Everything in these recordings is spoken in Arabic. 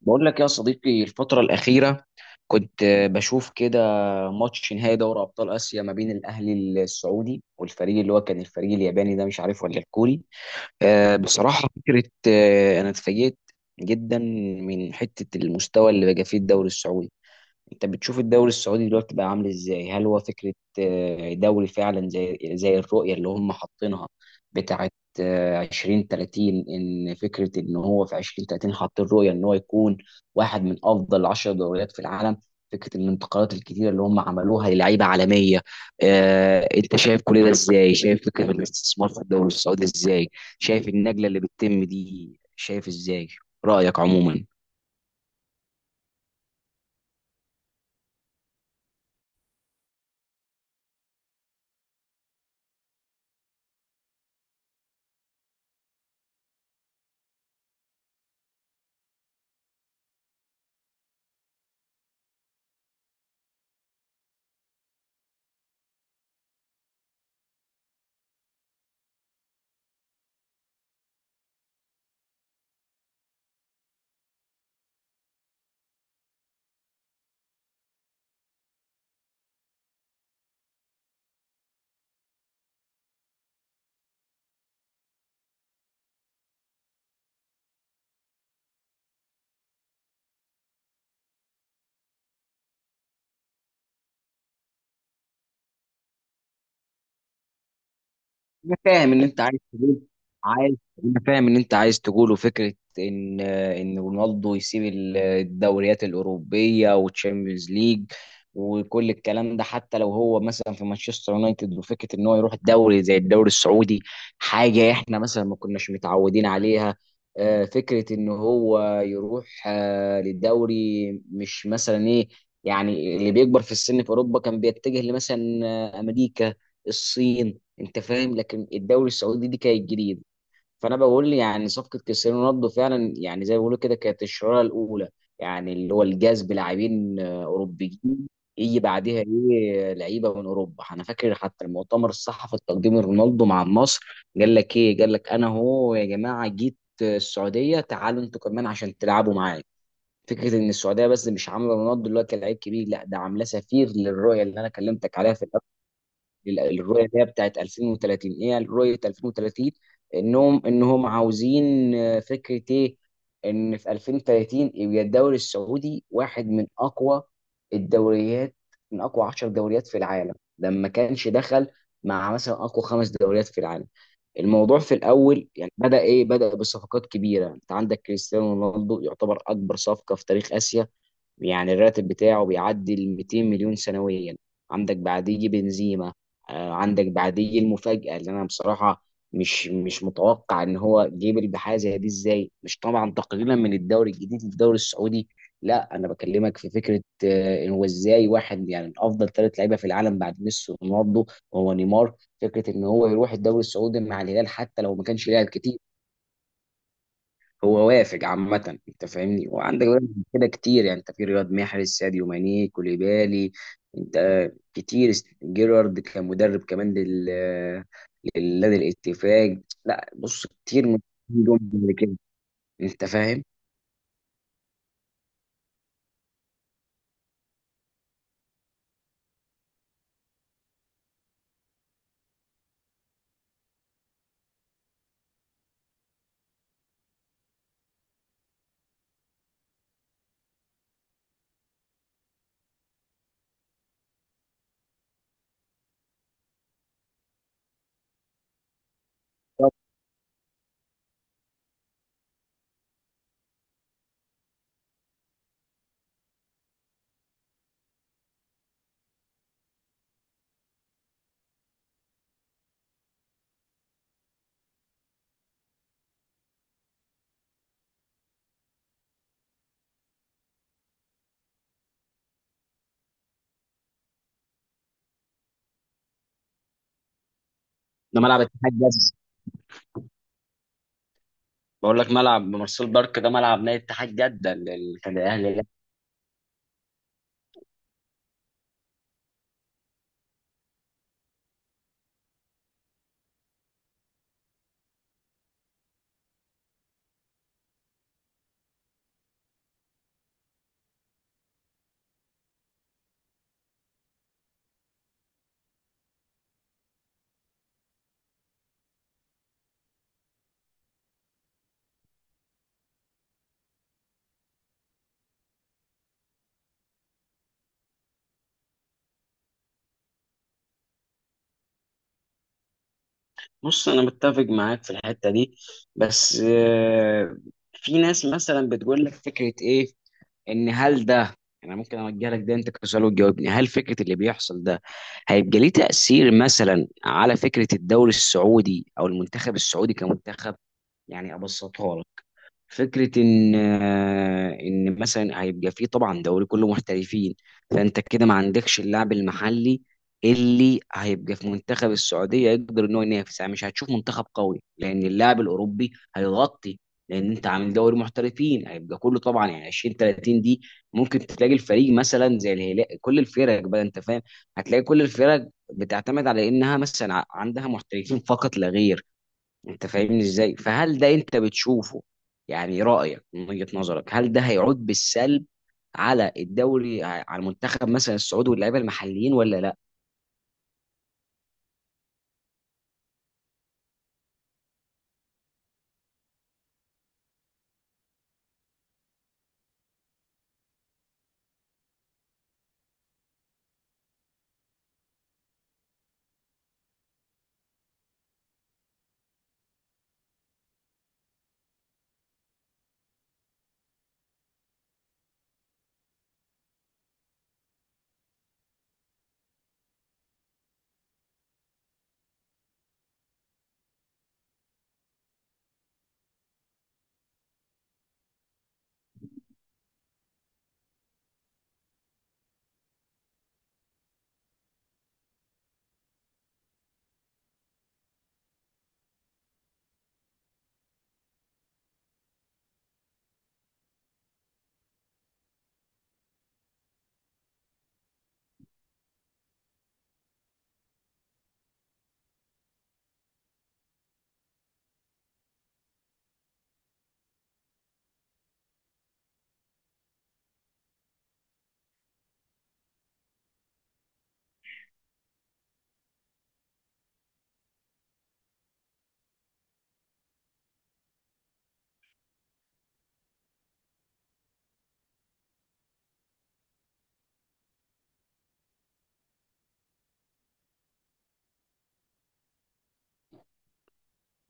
بقول لك يا صديقي، الفترة الأخيرة كنت بشوف كده ماتش نهائي دوري أبطال آسيا ما بين الأهلي السعودي والفريق اللي هو كان الفريق الياباني ده، مش عارف ولا الكوري. بصراحة فكرة. أنا اتفاجئت جدا من حتة المستوى اللي بقى فيه الدوري السعودي. انت بتشوف الدوري السعودي دلوقتي بقى عامل ازاي؟ هل هو فكرة دوري فعلا زي الرؤية اللي هم حاطينها، بتاعة 2030؟ ان فكرة ان هو في 2030 حاطين رؤية ان هو يكون واحد من افضل 10 دوريات في العالم. فكرة الانتقالات الكتيرة اللي هم عملوها للعيبة عالمية. انت شايف كل ده ازاي؟ شايف فكرة الاستثمار في الدوري السعودي ازاي؟ شايف النقلة اللي بتتم دي؟ شايف ازاي رأيك عموما؟ انا فاهم ان انت عايز تقول عايز انا فاهم ان انت عايز تقوله فكره، ان رونالدو يسيب الدوريات الاوروبيه والتشامبيونز ليج، وكل الكلام ده، حتى لو هو مثلا في مانشستر يونايتد. وفكره ان هو يروح الدوري زي الدوري السعودي، حاجه احنا مثلا ما كناش متعودين عليها. فكره ان هو يروح للدوري، مش مثلا ايه؟ يعني اللي بيكبر في السن في اوروبا كان بيتجه لمثلا امريكا، الصين. انت فاهم، لكن الدوري السعودي دي كانت جديده. فانا بقول يعني صفقه كريستيانو رونالدو فعلا، يعني زي ما بيقولوا كده، كانت الشراره الاولى، يعني اللي هو الجذب لاعبين اوروبيين. يجي بعدها ايه؟ لعيبه من اوروبا. انا فاكر حتى المؤتمر الصحفي التقديم رونالدو مع النصر، قال لك ايه؟ قال لك انا هو يا جماعه جيت السعوديه، تعالوا انتوا كمان عشان تلعبوا معايا. فكره ان السعوديه بس مش عامله رونالدو اللي هو كلاعب كبير، لا ده عاملاه سفير للرؤيه اللي انا كلمتك عليها، في الرؤيه اللي هي بتاعت 2030. ايه رؤيه 2030؟ انهم عاوزين فكره ايه، ان في 2030 يبقى الدوري السعودي واحد من اقوى الدوريات، من اقوى 10 دوريات في العالم. ده ما كانش دخل مع مثلا اقوى خمس دوريات في العالم. الموضوع في الاول يعني بدا ايه؟ بدا بصفقات كبيره. انت عندك كريستيانو رونالدو يعتبر اكبر صفقه في تاريخ اسيا، يعني الراتب بتاعه بيعدي ال 200 مليون سنويا. عندك بعديه يجي بنزيما. عندك بعديه يجي المفاجأة اللي انا بصراحة مش متوقع ان هو جيبل بحاجة زي دي ازاي. مش طبعا تقليلا من الدوري الجديد للدوري السعودي، لا انا بكلمك في فكرة. إن هو ازاي واحد يعني من افضل ثلاث لعيبة في العالم بعد ميسي ورونالدو، وهو نيمار. فكرة ان هو يروح الدوري السعودي مع الهلال حتى لو ما كانش لاعب كتير، هو وافق عامة. انت فاهمني؟ وعندك بقى كده كتير، يعني انت في رياض محرز، ساديو ماني، كوليبالي، انت كتير. جيرارد كان مدرب كمان للنادي الاتفاق. لا بص، كتير من جمهور كده. انت فاهم. طب، ده ملعب اتحاد جده؟ بقول لك، ملعب مارسيل بارك ده ملعب نادي اتحاد جده اللي كان الاهلي، لا. بص، انا متفق معاك في الحته دي، بس في ناس مثلا بتقول لك فكره ايه، ان هل ده، انا ممكن اوجه لك ده انت كسؤال وتجاوبني، هل فكره اللي بيحصل ده هيبقى ليه تاثير مثلا على فكره الدوري السعودي او المنتخب السعودي كمنتخب؟ يعني ابسطها لك. فكرة إن مثلا هيبقى فيه طبعا دوري كله محترفين. فأنت كده ما عندكش اللاعب المحلي اللي هيبقى في منتخب السعودية يقدر إن هو ينافس، يعني مش هتشوف منتخب قوي لأن اللاعب الأوروبي هيغطي، لأن أنت عامل دوري محترفين هيبقى كله طبعا، يعني 20 30 دي. ممكن تلاقي الفريق مثلا زي الهلال، كل الفرق بقى، أنت فاهم، هتلاقي كل الفرق بتعتمد على إنها مثلا عندها محترفين فقط لا غير. انت فاهمني ازاي؟ فهل ده انت بتشوفه، يعني رأيك من وجهة نظرك، هل ده هيعود بالسلب على الدوري، على المنتخب مثلا السعودي واللعيبه المحليين، ولا لا؟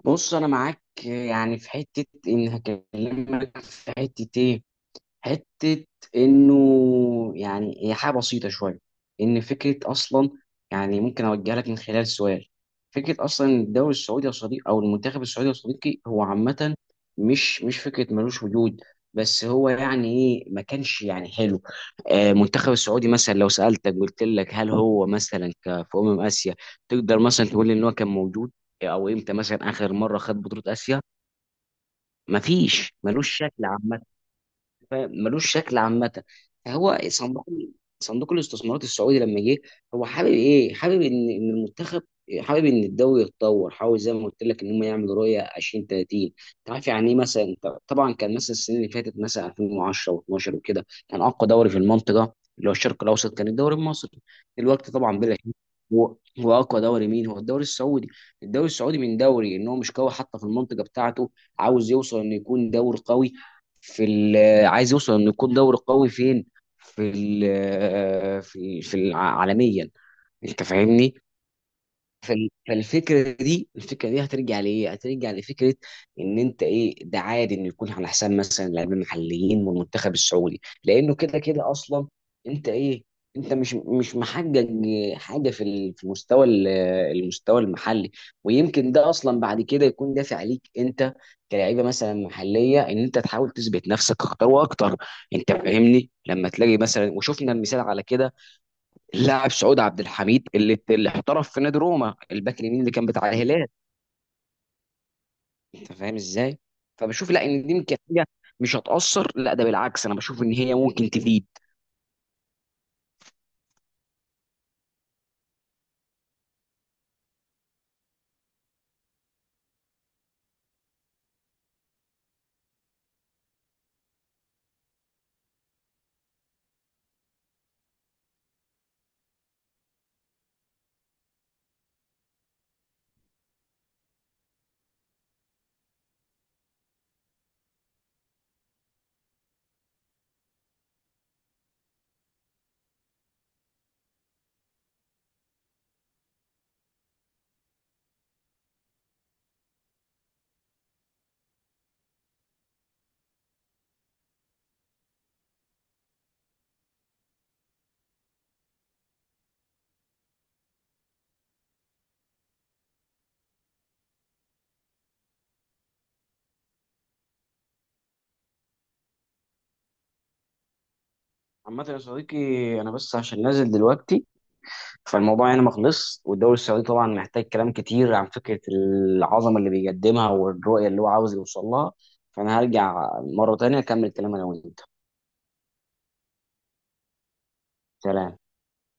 بص، انا معاك يعني في حته، ان هكلمك في حته ايه، حتة إنه، يعني هي حاجة بسيطة شوية، إن فكرة أصلا، يعني ممكن أوجه لك من خلال سؤال. فكرة أصلا إن الدوري السعودي يا صديقي، أو المنتخب السعودي يا صديقي، هو عامة مش فكرة ملوش وجود، بس هو يعني إيه، ما كانش يعني حلو. المنتخب السعودي مثلا، لو سألتك قلت لك هل هو مثلا في أمم آسيا تقدر مثلا تقول لي إن هو كان موجود؟ أو إمتى مثلا آخر مرة خد بطولة آسيا؟ مفيش، ملوش شكل. فاهم؟ ملوش شكل عامه. فهو صندوق، صندوق الاستثمارات السعودي لما جه، هو حابب ايه؟ حابب ان المنتخب، حابب ان الدوري يتطور. حاول زي ما قلت لك ان هم يعملوا رؤيه 20 30. انت عارف يعني ايه؟ مثلا انت طبعا كان مثلا السنين اللي فاتت مثلا 2010 و12 وكده كان اقوى دوري في المنطقه، اللي هو الشرق الاوسط، كان الدوري المصري. دلوقتي طبعا بلا شك، هو اقوى دوري مين؟ هو الدوري السعودي. الدوري السعودي من دوري ان هو مش قوي حتى في المنطقه بتاعته، عاوز يوصل انه يكون دوري قوي في، عايز يوصل انه يكون دوري قوي فين؟ في ال آه، في في الع- عالميا. انت فاهمني؟ فالفكره دي هترجع لايه؟ هترجع لفكره ان انت ايه؟ ده عادي انه يكون على حساب مثلا لاعبين محليين والمنتخب السعودي، لانه كده كده اصلا. انت ايه؟ انت مش محقق حاجه في المستوى المستوى المحلي. ويمكن ده اصلا بعد كده يكون دافع ليك انت كلاعيبه مثلا محليه، ان انت تحاول تثبت نفسك اكتر واكتر. انت فاهمني؟ لما تلاقي مثلا، وشفنا المثال على كده، اللاعب سعود عبد الحميد اللي احترف في نادي روما، الباك اليمين اللي كان بتاع الهلال. انت فاهم ازاي؟ فبشوف لا، ان دي يمكن حاجه مش هتاثر، لا ده بالعكس، انا بشوف ان هي ممكن تفيد. عامة يا صديقي، أنا بس عشان نازل دلوقتي، فالموضوع هنا ما خلص، والدوري السعودي طبعا محتاج كلام كتير عن فكرة العظمة اللي بيقدمها والرؤية اللي هو عاوز يوصل لها. فأنا هرجع مرة تانية أكمل كلام أنا وأنت. سلام.